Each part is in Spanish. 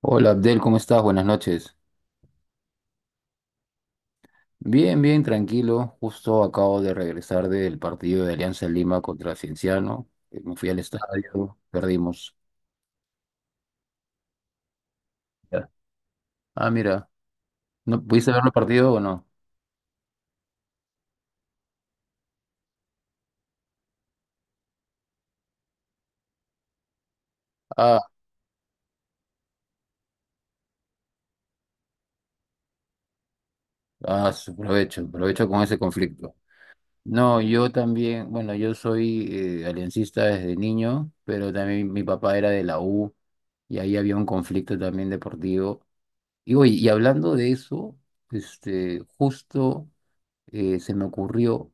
Hola Abdel, ¿cómo estás? Buenas noches. Bien, bien, tranquilo. Justo acabo de regresar del partido de Alianza Lima contra Cienciano. Me fui al estadio, perdimos. Ya. Ah, mira, ¿no pudiste ver el partido o no? Ah, Aprovecho, aprovecho con ese conflicto. No, yo también, bueno, yo soy aliancista desde niño, pero también mi papá era de la U y ahí había un conflicto también deportivo. Y oye, y hablando de eso, este, justo. Se me ocurrió,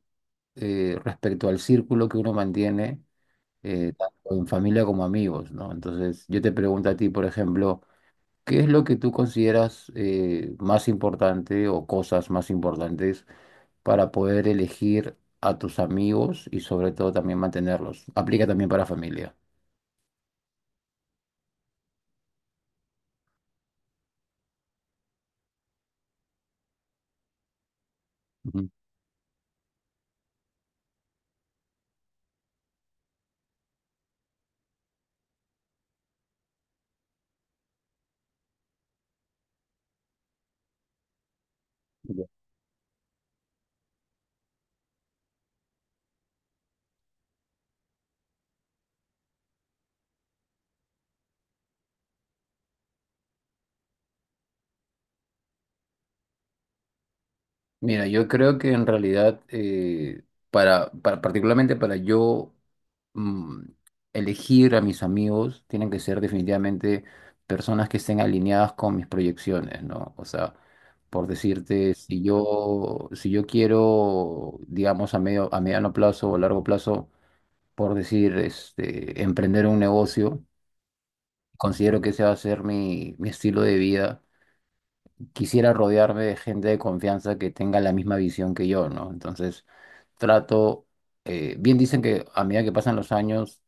respecto al círculo que uno mantiene, tanto en familia como amigos, ¿no? Entonces, yo te pregunto a ti, por ejemplo, ¿qué es lo que tú consideras, más importante o cosas más importantes para poder elegir a tus amigos y sobre todo también mantenerlos? Aplica también para familia. Ujú. Mira, yo creo que en realidad, particularmente para yo, mm, elegir a mis amigos, tienen que ser definitivamente personas que estén alineadas con mis proyecciones, ¿no? O sea, por decirte, si yo quiero, digamos, a mediano plazo o largo plazo, por decir, este, emprender un negocio, considero que ese va a ser mi estilo de vida. Quisiera rodearme de gente de confianza que tenga la misma visión que yo, ¿no? Entonces, trato, bien dicen que a medida que pasan los años,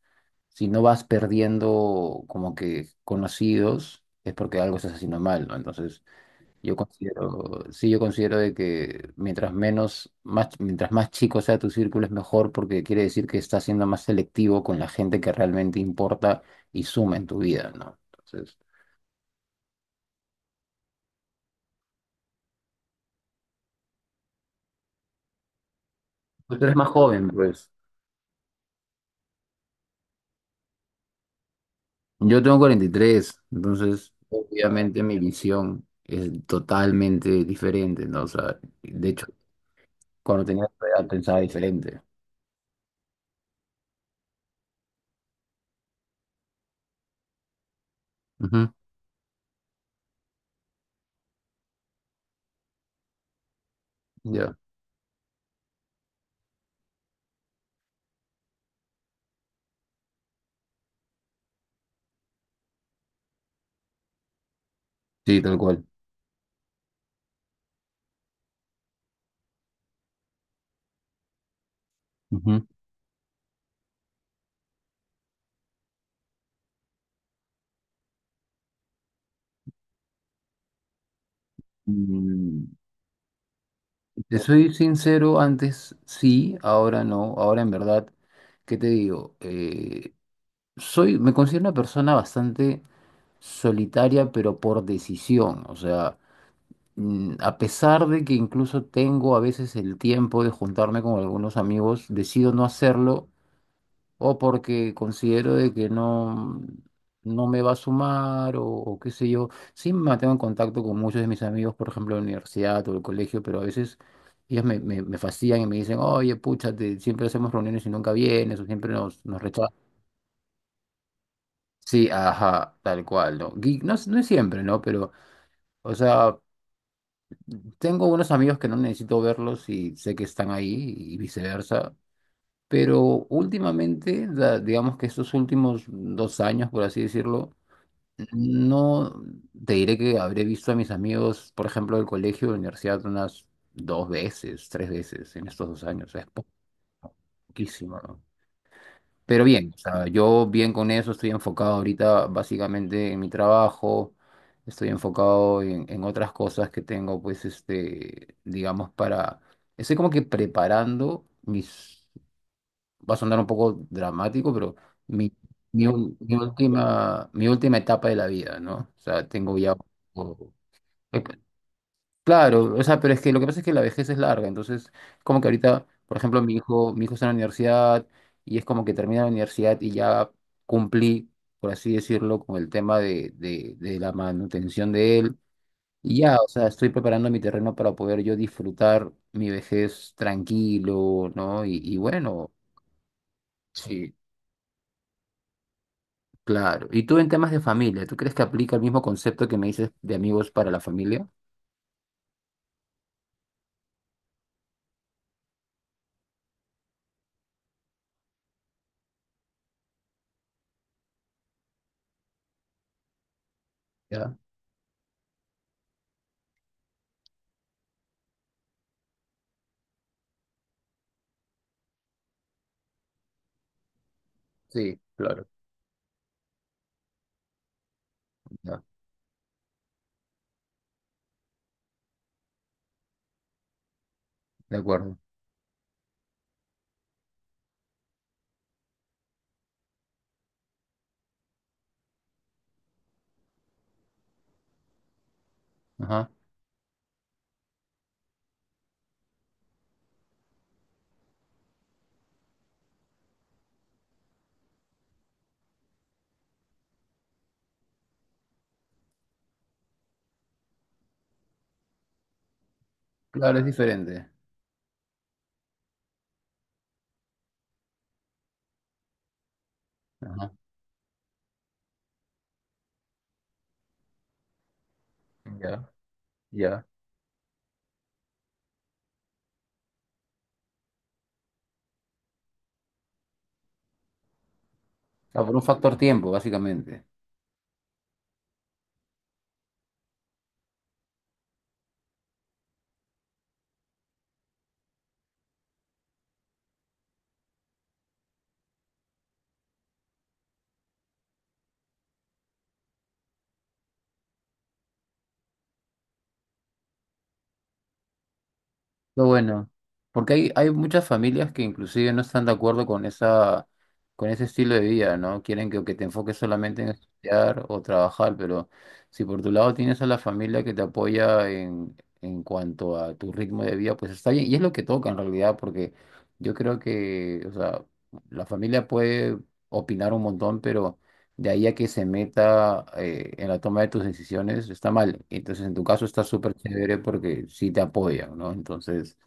si no vas perdiendo como que conocidos, es porque algo estás haciendo mal, ¿no? Entonces, yo considero, sí, yo considero de que mientras más chico sea tu círculo es mejor porque quiere decir que estás siendo más selectivo con la gente que realmente importa y suma en tu vida, ¿no? Entonces, pues tú eres más joven, pues. Yo tengo 43 entonces. Ah, obviamente mi visión es totalmente diferente, ¿no? O sea, de hecho, cuando tenía esa edad pensaba diferente. Ujú. Ya. Sí, tal cual. Ujú. Mm, te soy sincero, antes sí, ahora no, ahora en verdad, ¿qué te digo? Me considero una persona bastante solitaria, pero por decisión, o sea... a pesar de que incluso tengo a veces el tiempo de juntarme con algunos amigos, decido no hacerlo o porque considero de que no me va a sumar o qué sé yo. Sí me mantengo en contacto con muchos de mis amigos, por ejemplo, de la universidad o del colegio, pero a veces ellos me fastidian y me dicen, oye, pucha, siempre hacemos reuniones y nunca vienes o nos rechazas. Sí, ajá, tal cual, ¿no? Y no, no es siempre, ¿no? Pero, o sea... Tengo unos amigos que no necesito verlos y sé que están ahí y viceversa, pero últimamente, digamos que estos últimos 2 años, por así decirlo, no te diré que habré visto a mis amigos, por ejemplo, del colegio, de la universidad, unas dos veces, tres veces en estos 2 años, o sea, es poquísimo, ¿no? Pero bien, o sea, yo bien con eso, estoy enfocado ahorita básicamente en mi trabajo, estoy enfocado en otras cosas que tengo, pues, este, digamos, para... Estoy como que preparando mis... Va a sonar un poco dramático, pero mi, mi última etapa de la vida, ¿no? O sea, tengo ya... o- He Claro, o sea, pero es que lo que pasa es que la vejez es larga, entonces como que ahorita, por ejemplo, mi hijo está en la universidad y es como que termina la universidad y ya cumplí, por así decirlo, con el tema de la manutención de él y ya, o sea, estoy preparando mi terreno para poder yo disfrutar mi vejez tranquilo, ¿no? Y bueno, sí, claro. ¿Y tú en temas de familia, tú crees que aplica el mismo concepto que me dices de amigos para la familia? Ya, sí, claro. Ya, de acuerdo. Ajá. Claro, es diferente. Ajá, ya, ya. O sea, por un factor tiempo, básicamente. Lo bueno, porque hay muchas familias que inclusive no están de acuerdo con esa, con ese estilo de vida, ¿no? Quieren que te enfoques solamente en estudiar o trabajar, pero si por tu lado tienes a la familia que te apoya en cuanto a tu ritmo de vida, pues está bien. Y es lo que toca en realidad, porque yo creo que, o sea, la familia puede opinar un montón, pero de ahí a que se meta, en la toma de tus decisiones, está mal. Entonces, en tu caso está súper chévere porque sí te apoyan, ¿no? Entonces,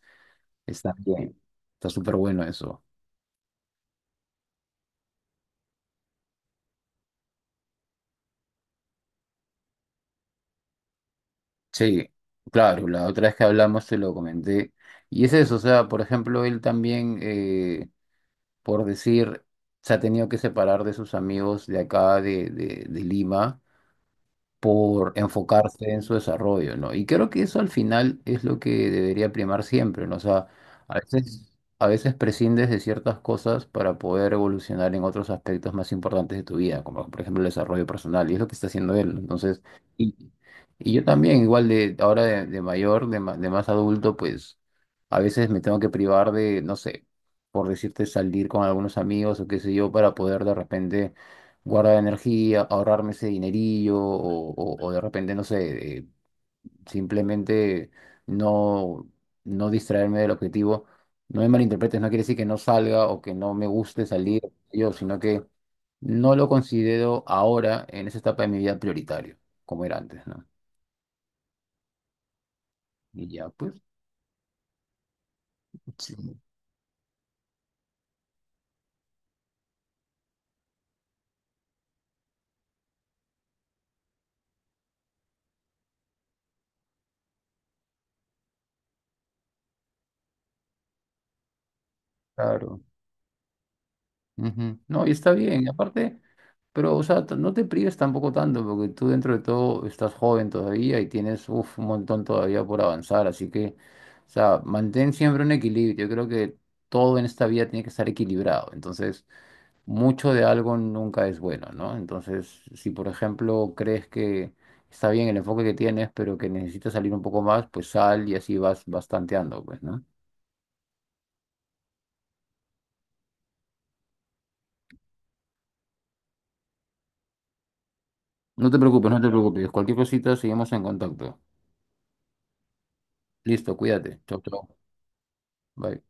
está bien, está súper bueno eso. Sí, claro, la otra vez que hablamos te lo comenté. Y es eso, o sea, por ejemplo, él también, por decir, se ha tenido que separar de sus amigos de acá, de Lima por enfocarse en su desarrollo, ¿no? Y creo que eso al final es lo que debería primar siempre, ¿no? O sea, a veces, a veces prescindes de ciertas cosas para poder evolucionar en otros aspectos más importantes de tu vida, como por ejemplo el desarrollo personal, y es lo que está haciendo él, ¿no? Entonces, y, y yo también, igual de ahora de mayor, de más adulto, pues a veces me tengo que privar de, no sé, por decirte, salir con algunos amigos o qué sé yo, para poder de repente guardar energía, ahorrarme ese dinerillo o de repente, no sé, simplemente no, no distraerme del objetivo. No me malinterpretes, no quiere decir que no salga o que no me guste salir yo, sino que no lo considero ahora en esa etapa de mi vida prioritario, como era antes, ¿no? Y ya, pues, claro. Ujú. No, y está bien. Y aparte, pero, o sea, no te prives tampoco tanto, porque tú dentro de todo estás joven todavía y tienes uf, un montón todavía por avanzar. Así que, o sea, mantén siempre un equilibrio. Yo creo que todo en esta vida tiene que estar equilibrado. Entonces, mucho de algo nunca es bueno, ¿no? Entonces, si por ejemplo crees que está bien el enfoque que tienes, pero que necesitas salir un poco más, pues sal y así vas, vas tanteando, pues, ¿no? No te preocupes, no te preocupes. Cualquier cosita, seguimos en contacto. Listo, cuídate. Chau, chau. Bye.